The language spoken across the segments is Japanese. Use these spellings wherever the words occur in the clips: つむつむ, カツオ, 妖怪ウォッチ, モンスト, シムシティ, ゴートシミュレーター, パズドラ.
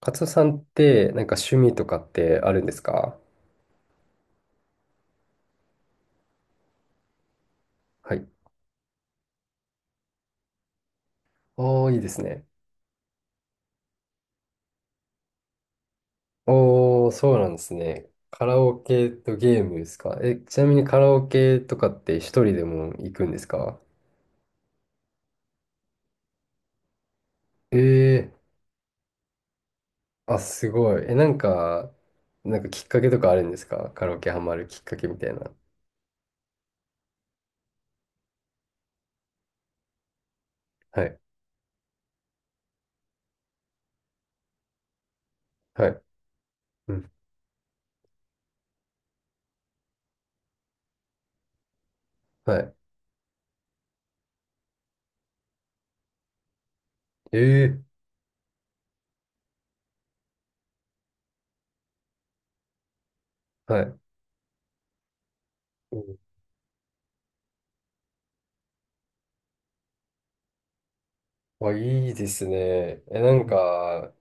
カツオさんって、なんか趣味とかってあるんですか？はい。おー、いいですね。おー、そうなんですね。カラオケとゲームですか？え、ちなみにカラオケとかって一人でも行くんですか？えー、あ、すごい。え、なんか、なんかきっかけとかあるんですか？カラオケハマるきっかけみたいな。はい。はい。うん。はい。えー、はい。あ、いいですね。え、なんか、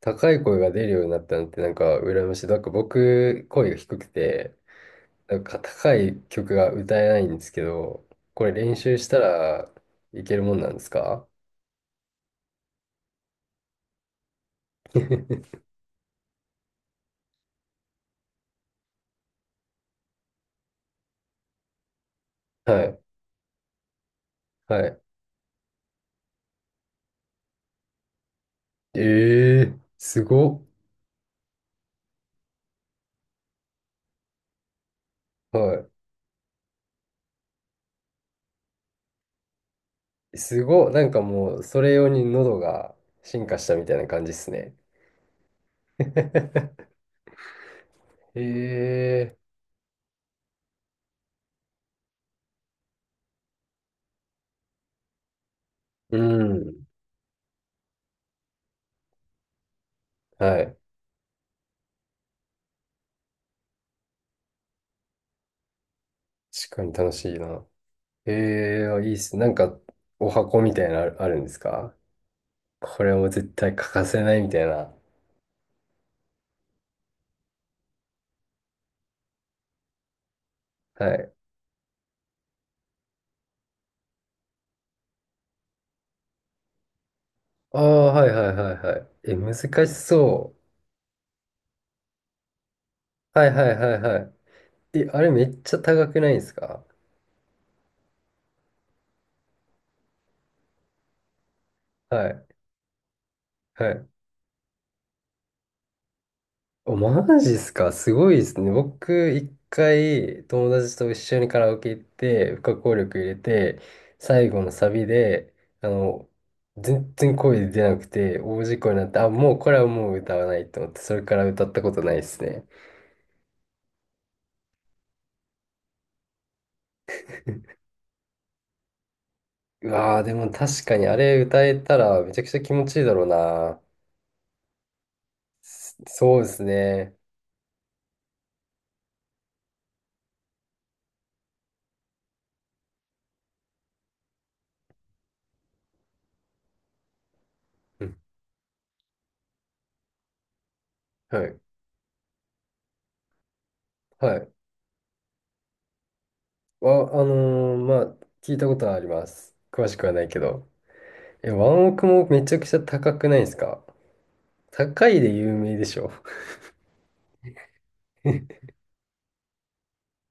高い声が出るようになったのって、なんか、羨ましい。なんか、僕、声が低くて、なんか、高い曲が歌えないんですけど、これ練習したらいけるもんなんですか？ はい。はい。ええー、すごっ。はい。すごっ。なんかもう、それ用に喉が進化したみたいな感じですね。ええー、うん。はい。確かに楽しいな。ええー、いいっす。なんか、お箱みたいなのあるんですか？これも絶対欠かせないみたいな。はい。ああ、はいはいはいはい。え、難しそう。はいはいはいはい。え、あれめっちゃ高くないですか？はい。はい。お、マジっすか？すごいですね。僕、一回、友達と一緒にカラオケ行って、不可抗力入れて、最後のサビで、あの、全然声出なくて、大事故になって、あ、もうこれはもう歌わないと思って、それから歌ったことないですね。うわー、でも確かにあれ歌えたらめちゃくちゃ気持ちいいだろうな。そうですね。うん。はい。はい。あ、あのーまあ、聞いたことはあります。詳しくはないけど。え、ワンオクもめちゃくちゃ高くないですか？高いで有名でしょ。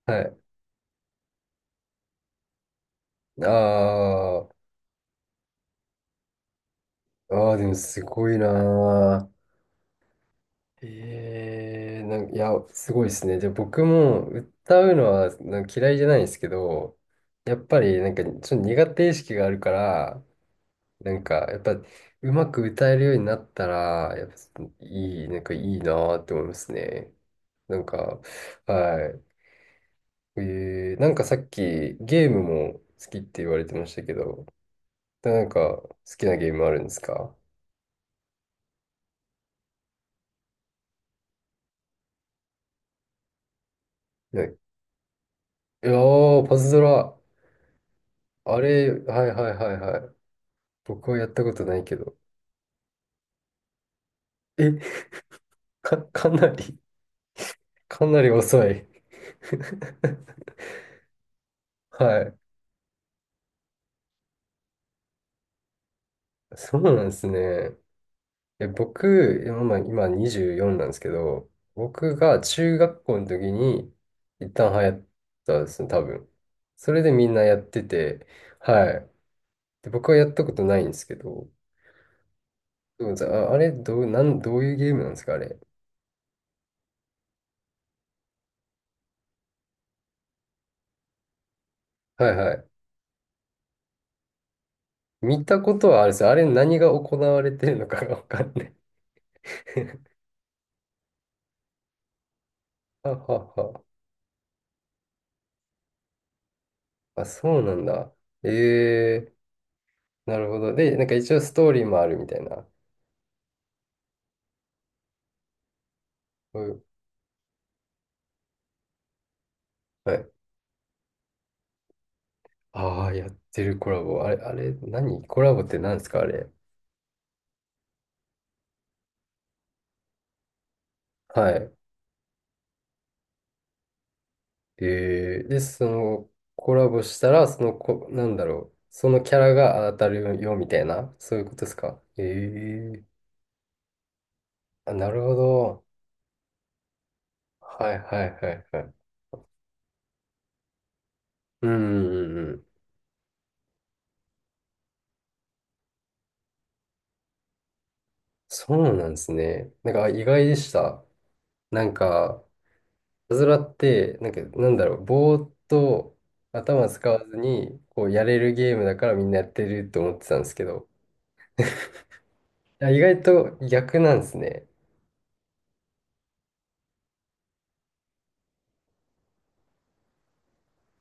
はい。ああ、ああ、でもすごいなー。ええ、なんか、いや、すごいですね。じゃあ僕も歌うのはなんか嫌いじゃないんですけど、やっぱりなんかちょっと苦手意識があるから、なんかやっぱうまく歌えるようになったら、やっぱいい、なんかいいなーって思いますね。なんか、はい。えー、なんかさっきゲームも好きって言われてましたけど、なんか好きなゲームあるんですか？ね、いやー、パズドラ。あれ、はいはいはいはい。僕はやったことないけど。え、かなり、かなり遅い。はい。そうなんですね。え、僕、今、24なんですけど、僕が中学校の時に一旦流行ったんですね、多分。それでみんなやってて、はい。で、僕はやったことないんですけど、どうあ、あれどう、なん、どういうゲームなんですか、あれ。はいはい。見たことはあるんですよ。あれ何が行われてるのかがわかんない。ははは。あ、そうなんだ。ええ、なるほど。で、なんか一応ストーリーもあるみたいな。うん、はい。ああ、やってるコラボ。あれ、何コラボって何ですか、あれ。はい。ええ、で、その、コラボしたら、そのこ、なんだろう。そのキャラが当たるよ、みたいな。そういうことですか？ええ、あ、なるほど。はいはいはいはい。うんうんうん。そうなんですね。なんかあ意外でした。なんか、いたずらって、なんか、なんだろう、ぼーっと頭使わずに、こう、やれるゲームだからみんなやってると思ってたんですけど、いや、意外と逆なんですね。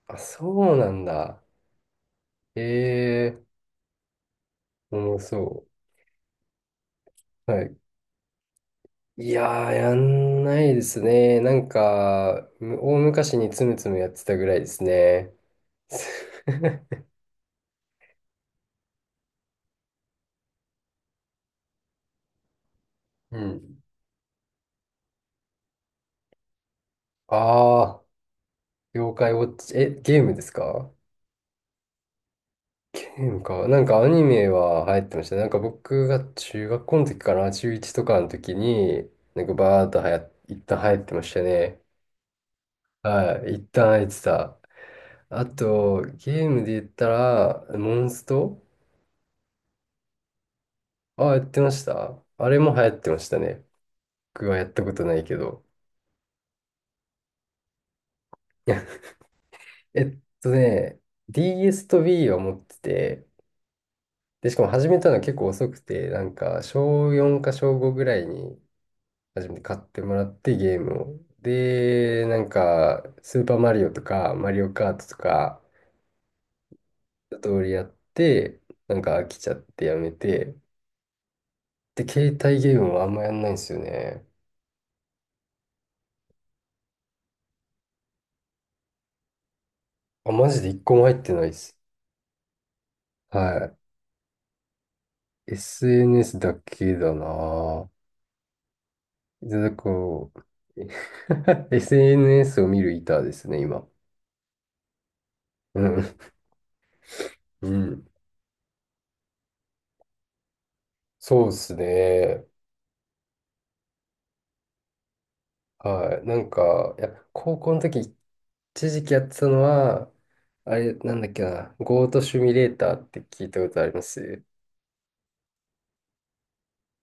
あ、そうなんだ。ええー、もうそう。はい。いやー、やんないですね。なんか、大昔につむつむやってたぐらいですね。うん。ああ、妖怪ウォッチ、え、ゲームですか？ゲームか。なんかアニメは流行ってましたね。なんか僕が中学校の時かな、中1とかの時に、なんかバーっと一旦流行ってましたね。はい、一旦流行ってた。あと、ゲームで言ったら、モンスト、あ、やってました。あれも流行ってましたね。僕はやったことないけど。えっとね、DS と Wii は持ってて、で、しかも始めたの結構遅くて、なんか、小4か小5ぐらいに初めて買ってもらってゲームを。で、なんか、スーパーマリオとか、マリオカートとか、一通りやって、なんか飽きちゃってやめて、で、携帯ゲームはあんまやんないんですよね。あ、マジで一個も入ってないです。はい。SNS だけだなぁ。で、こう、SNS を見る板ですね、今。うん。うん。そうですね。はい。なんか、いや、高校の時、一時期やってたのは、あれ、なんだっけな、ゴートシミュレーターって聞いたことあります？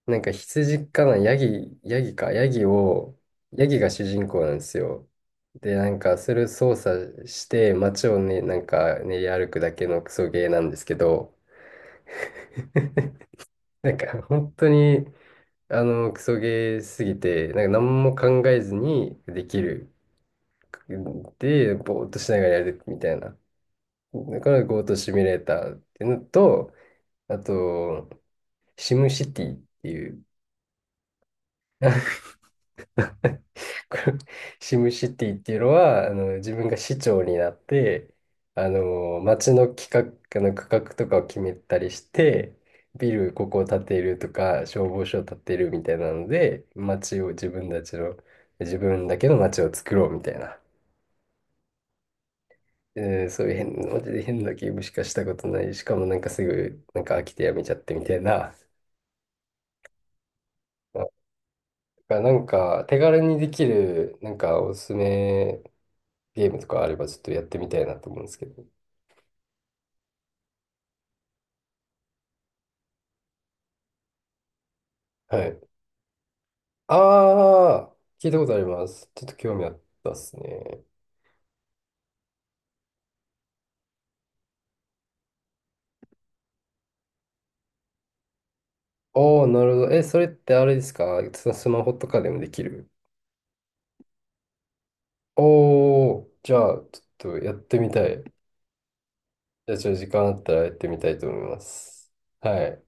なんか羊かな、ヤギ、ヤギか、ヤギを、ヤギが主人公なんですよ。で、なんか、それを操作して、街をね、なんか、練り歩くだけのクソゲーなんですけど、なんか、本当に、あの、クソゲーすぎて、なんか、何も考えずにできる。で、ぼーっとしながらやるみたいな。だからゴートシミュレーターっていうのと、あと、シムシティっていう、これシムシティっていうのは、あの、自分が市長になって、あの、街の企画、あの、区画とかを決めたりして、ビルここを建てるとか、消防署を建てるみたいなので、街を自分たちの、自分だけの街を作ろうみたいな。えーそういう変、マジで変なゲームしかしたことない。しかもなんかすぐ、なんか飽きてやめちゃってみたいな。がなんか手軽にできるなんかおすすめゲームとかあればちょっとやってみたいなと思うんですけど。はい。ああ、聞いたことあります。ちょっと興味あったっすね。おー、なるほど。え、それってあれですか？スマホとかでもできる？おー、じゃあちょっとやってみたい。じゃあちょっと時間あったらやってみたいと思います。はい。